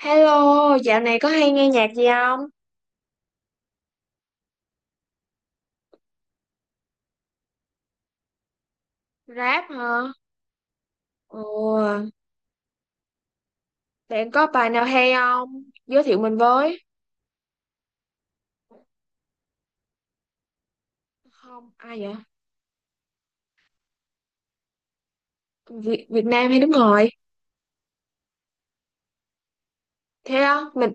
Hello, dạo này có hay nghe nhạc gì không? Rap hả? Ồ, bạn có bài nào hay không? Giới thiệu mình với. Không, ai vậy? Việt Nam hay nước ngoài? Thế á, mình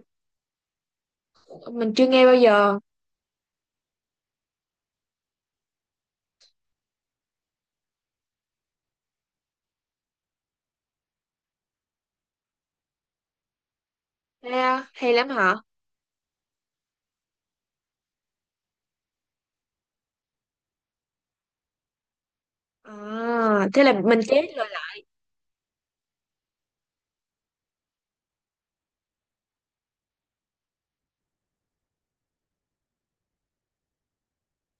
mình chưa nghe bao giờ. Thế á, hay lắm hả? À, thế là mình chết rồi lại.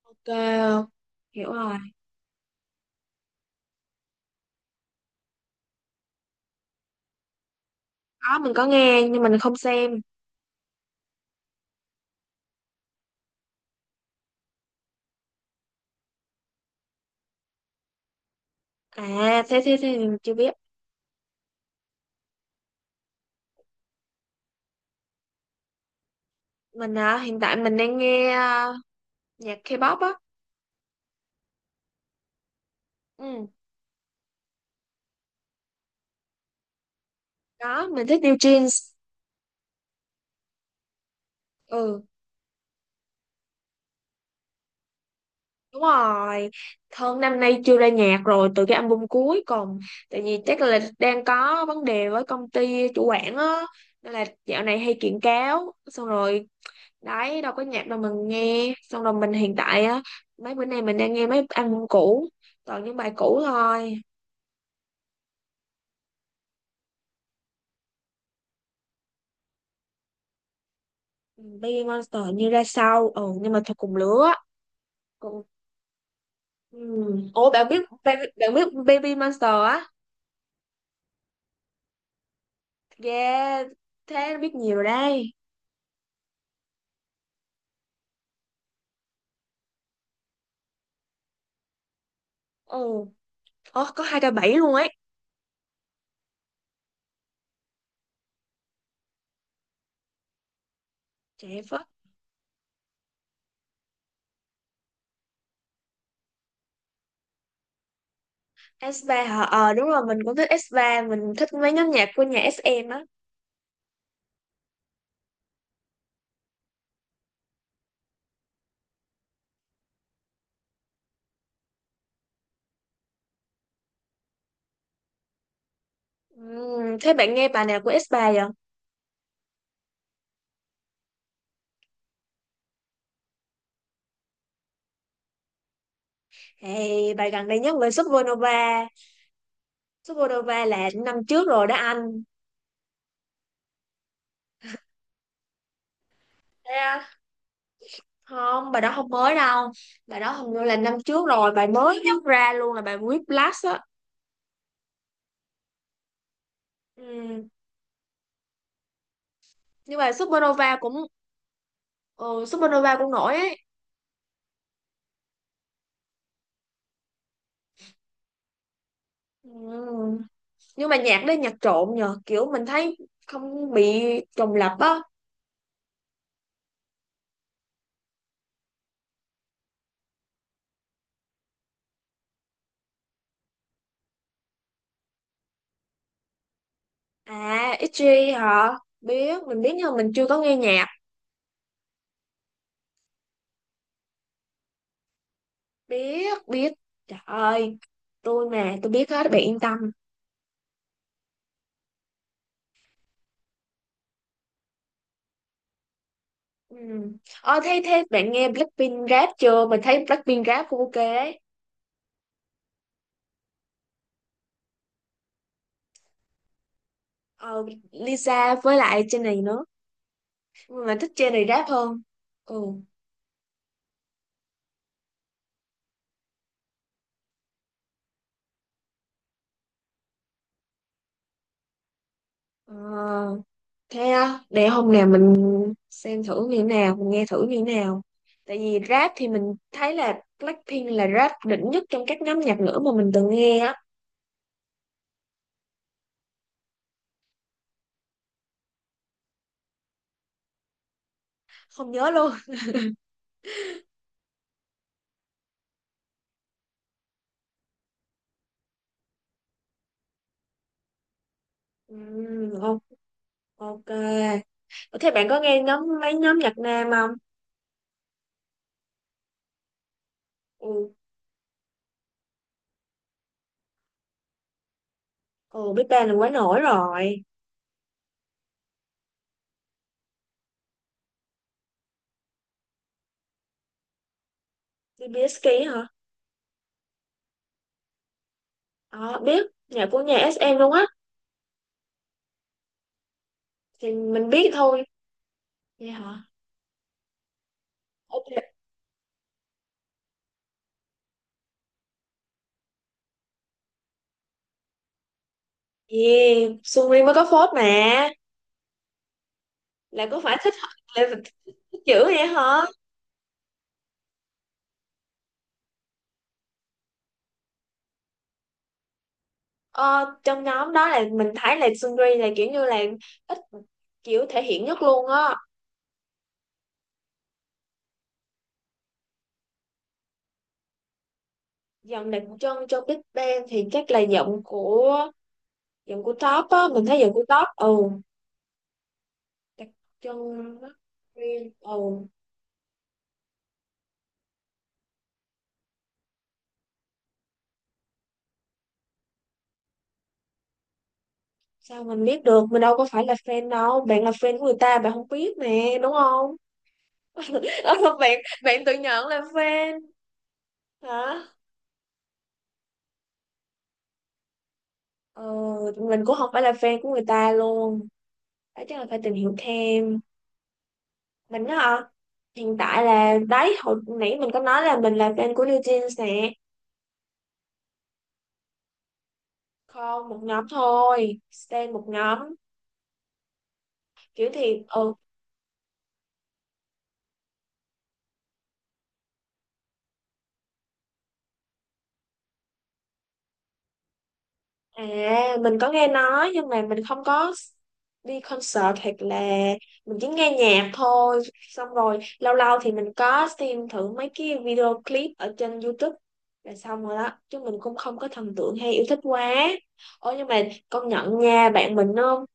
Ok, hiểu rồi. Có, mình có nghe nhưng mình không xem. À, thế thế thế thì mình chưa biết. Mình hiện tại mình đang nghe nhạc K-pop á. Ừ, đó, mình thích New Jeans. Ừ. Đúng rồi, Thơm năm nay chưa ra nhạc rồi từ cái album cuối, còn tại vì chắc là đang có vấn đề với công ty chủ quản á, nên là dạo này hay kiện cáo. Xong rồi đấy, đâu có nhạc đâu. Mình nghe xong rồi. Mình hiện tại á, mấy bữa nay mình đang nghe mấy album cũ, toàn những bài cũ thôi. Ừ, Baby Monster như ra sau ừ, nhưng mà thật cùng lứa, cùng ừ. Ủa bạn biết, bạn biết Baby Monster á, yeah, thế biết nhiều rồi đây. Ừ. Ồ, có 2K7 luôn ấy. Trẻ Phất. S3 hả? Ờ đúng rồi, mình cũng thích S3. Mình thích mấy nhóm nhạc của nhà SM á. Thế bạn nghe bài nào của S3 vậy? Hey, bài gần đây nhất về Supernova. Supernova là năm trước rồi đó anh. Thế á? Không, bài đó không mới đâu. Bài đó hình như là năm trước rồi. Bài mới nhất ra luôn là bài Whiplash á. Ừm, Nhưng mà Supernova cũng ừ, Supernova cũng nổi ấy. Ừm, Nhưng mà nhạc đấy nhạc trộn nhờ. Kiểu mình thấy không bị trùng lặp á. À, EG hả? Biết, mình biết nhưng mà mình chưa có nghe nhạc. Biết, biết. Trời ơi, tôi mà, tôi biết hết, bạn yên tâm. Ừ. Ờ, thế bạn nghe Blackpink rap chưa? Mình thấy Blackpink rap cũng ok ấy. Ờ, Lisa với lại trên này nữa. Nhưng mà mình thích trên này rap hơn. Ừ. Ờ, thế á, để hôm nào mình xem thử như thế nào, mình nghe thử như thế nào. Tại vì rap thì mình thấy là Blackpink là rap đỉnh nhất trong các nhóm nhạc nữ mà mình từng nghe á. Không nhớ luôn. Ừ, ok. Ok. Ủa, thế bạn có nghe nhóm mấy nhóm nhạc nam không? Ừ, ừ Big Bang là quá nổi rồi. BSK hả? Ờ, biết. Nhạc của nhà SM luôn á. Thì mình biết thôi. Vậy hả? Ok. Yeah, Suri mới có phốt mà. Là có phải thích, là thích dữ vậy hả? Ờ, trong nhóm đó là mình thấy là Sungri là kiểu như là ít kiểu thể hiện nhất luôn á. Dòng đặc trưng trong Big Bang thì chắc là giọng của top á, mình thấy giọng của top ừ đặc trưng rất riêng. Ồ, sao mình biết được, mình đâu có phải là fan đâu, bạn là fan của người ta bạn không biết nè đúng không? bạn bạn tự nhận là fan hả. Ờ, mình cũng không phải là fan của người ta luôn, đó chắc là phải tìm hiểu thêm. Mình á hả, hiện tại là đấy hồi nãy mình có nói là mình là fan của New Jeans nè. Không, một nhóm thôi, stan một nhóm. Kiểu thì ừ. À, mình có nghe nói nhưng mà mình không có đi concert, hoặc là mình chỉ nghe nhạc thôi. Xong rồi lâu lâu thì mình có xem thử mấy cái video clip ở trên YouTube là xong rồi đó. Chứ mình cũng không có thần tượng hay yêu thích quá. Ôi nhưng mà công nhận nha, bạn mình nó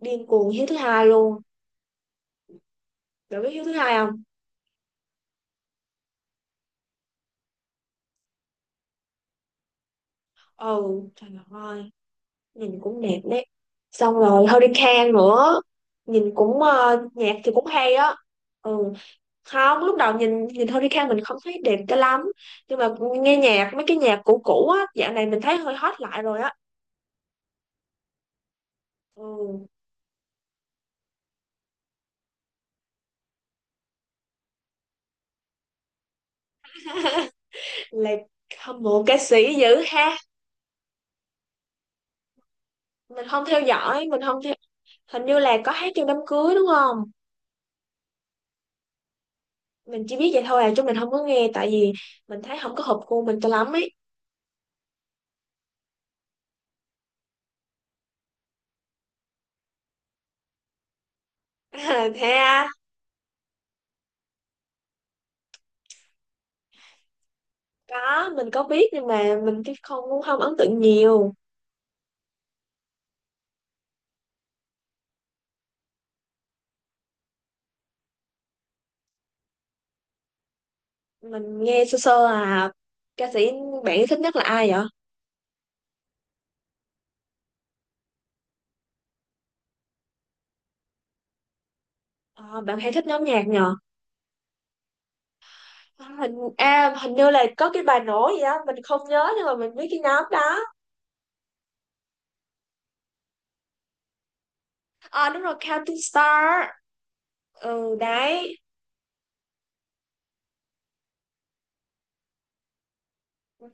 điên cuồng Hiếu thứ hai luôn. Bạn biết Hiếu thứ hai không? Ừ, trời ơi, nhìn cũng đẹp đấy. Xong rồi Hurricane nữa, nhìn cũng nhạc thì cũng hay á. Ừ. Không, lúc đầu nhìn nhìn Tony Khan mình không thấy đẹp cho lắm, nhưng mà nghe nhạc mấy cái nhạc cũ cũ á dạo này mình thấy hơi hot lại rồi á. Ừ. Là hâm mộ ca sĩ dữ ha. Mình không theo dõi, mình không theo. Hình như là có hát trong đám cưới đúng không? Mình chỉ biết vậy thôi à, chứ mình không có nghe, tại vì mình thấy không có hợp gu mình cho lắm ấy. Thế à, có mình có biết nhưng mà mình cái không cũng không ấn tượng nhiều. Mình nghe sơ sơ à. Ca sĩ bạn thích nhất là ai vậy? Ờ, bạn hay thích nhóm nhạc nhờ. Hình à, hình như là có cái bài nổi gì đó mình không nhớ, nhưng mà mình biết cái nhóm đó. À đúng rồi, Counting Star. Ừ đấy,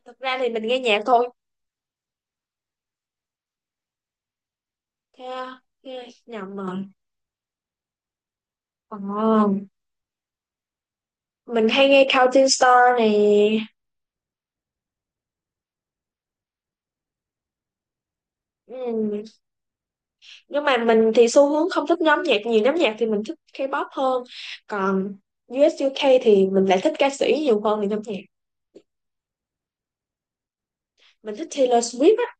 thực ra thì mình nghe nhạc thôi. Thế à, nghe nhầm rồi. Còn mình hay nghe Counting Star này. Ừ. Nhưng mà mình thì xu hướng không thích nhóm nhạc, nhiều nhóm nhạc thì mình thích K-pop hơn. Còn US UK thì mình lại thích ca sĩ nhiều hơn là nhóm nhạc. Mình thích Taylor Swift á,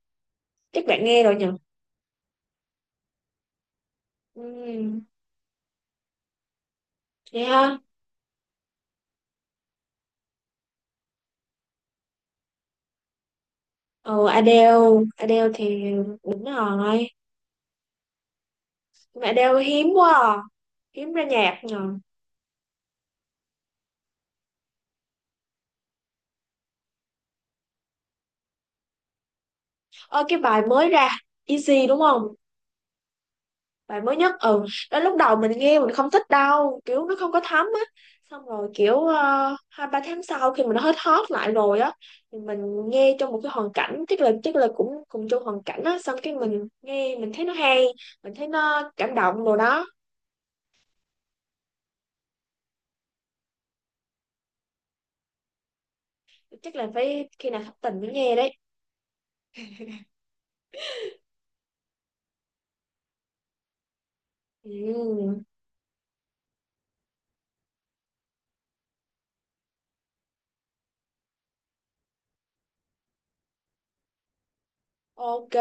chắc bạn nghe rồi nhỉ. Ừ. Yeah. Ừ Adele. Adele thì đúng rồi mà. Adele hiếm quá à. Hiếm ra nhạc nhờ. Ơ cái bài mới ra Easy đúng không? Bài mới nhất ừ, đó lúc đầu mình nghe mình không thích đâu, kiểu nó không có thấm á. Xong rồi kiểu ờ, hai ba tháng sau khi mình nó hết hot lại rồi á, thì mình nghe trong một cái hoàn cảnh, chắc là cũng cùng chung hoàn cảnh á, xong cái mình nghe mình thấy nó hay, mình thấy nó cảm động rồi đó. Chắc là phải khi nào thất tình mới nghe đấy. Ừ. Ok.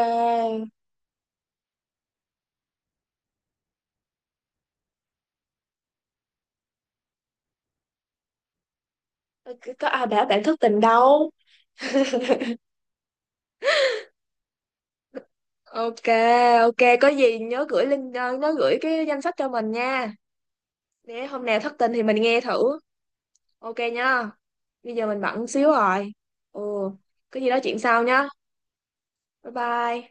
Ừ, có à đã bạn thức tình đâu. Ok ok, có gì nhớ gửi link nhớ gửi cái danh sách cho mình nha, để hôm nào thất tình thì mình nghe thử. Ok nha. Bây giờ mình bận xíu rồi. Ừ, có gì nói chuyện sau nhá. Bye bye.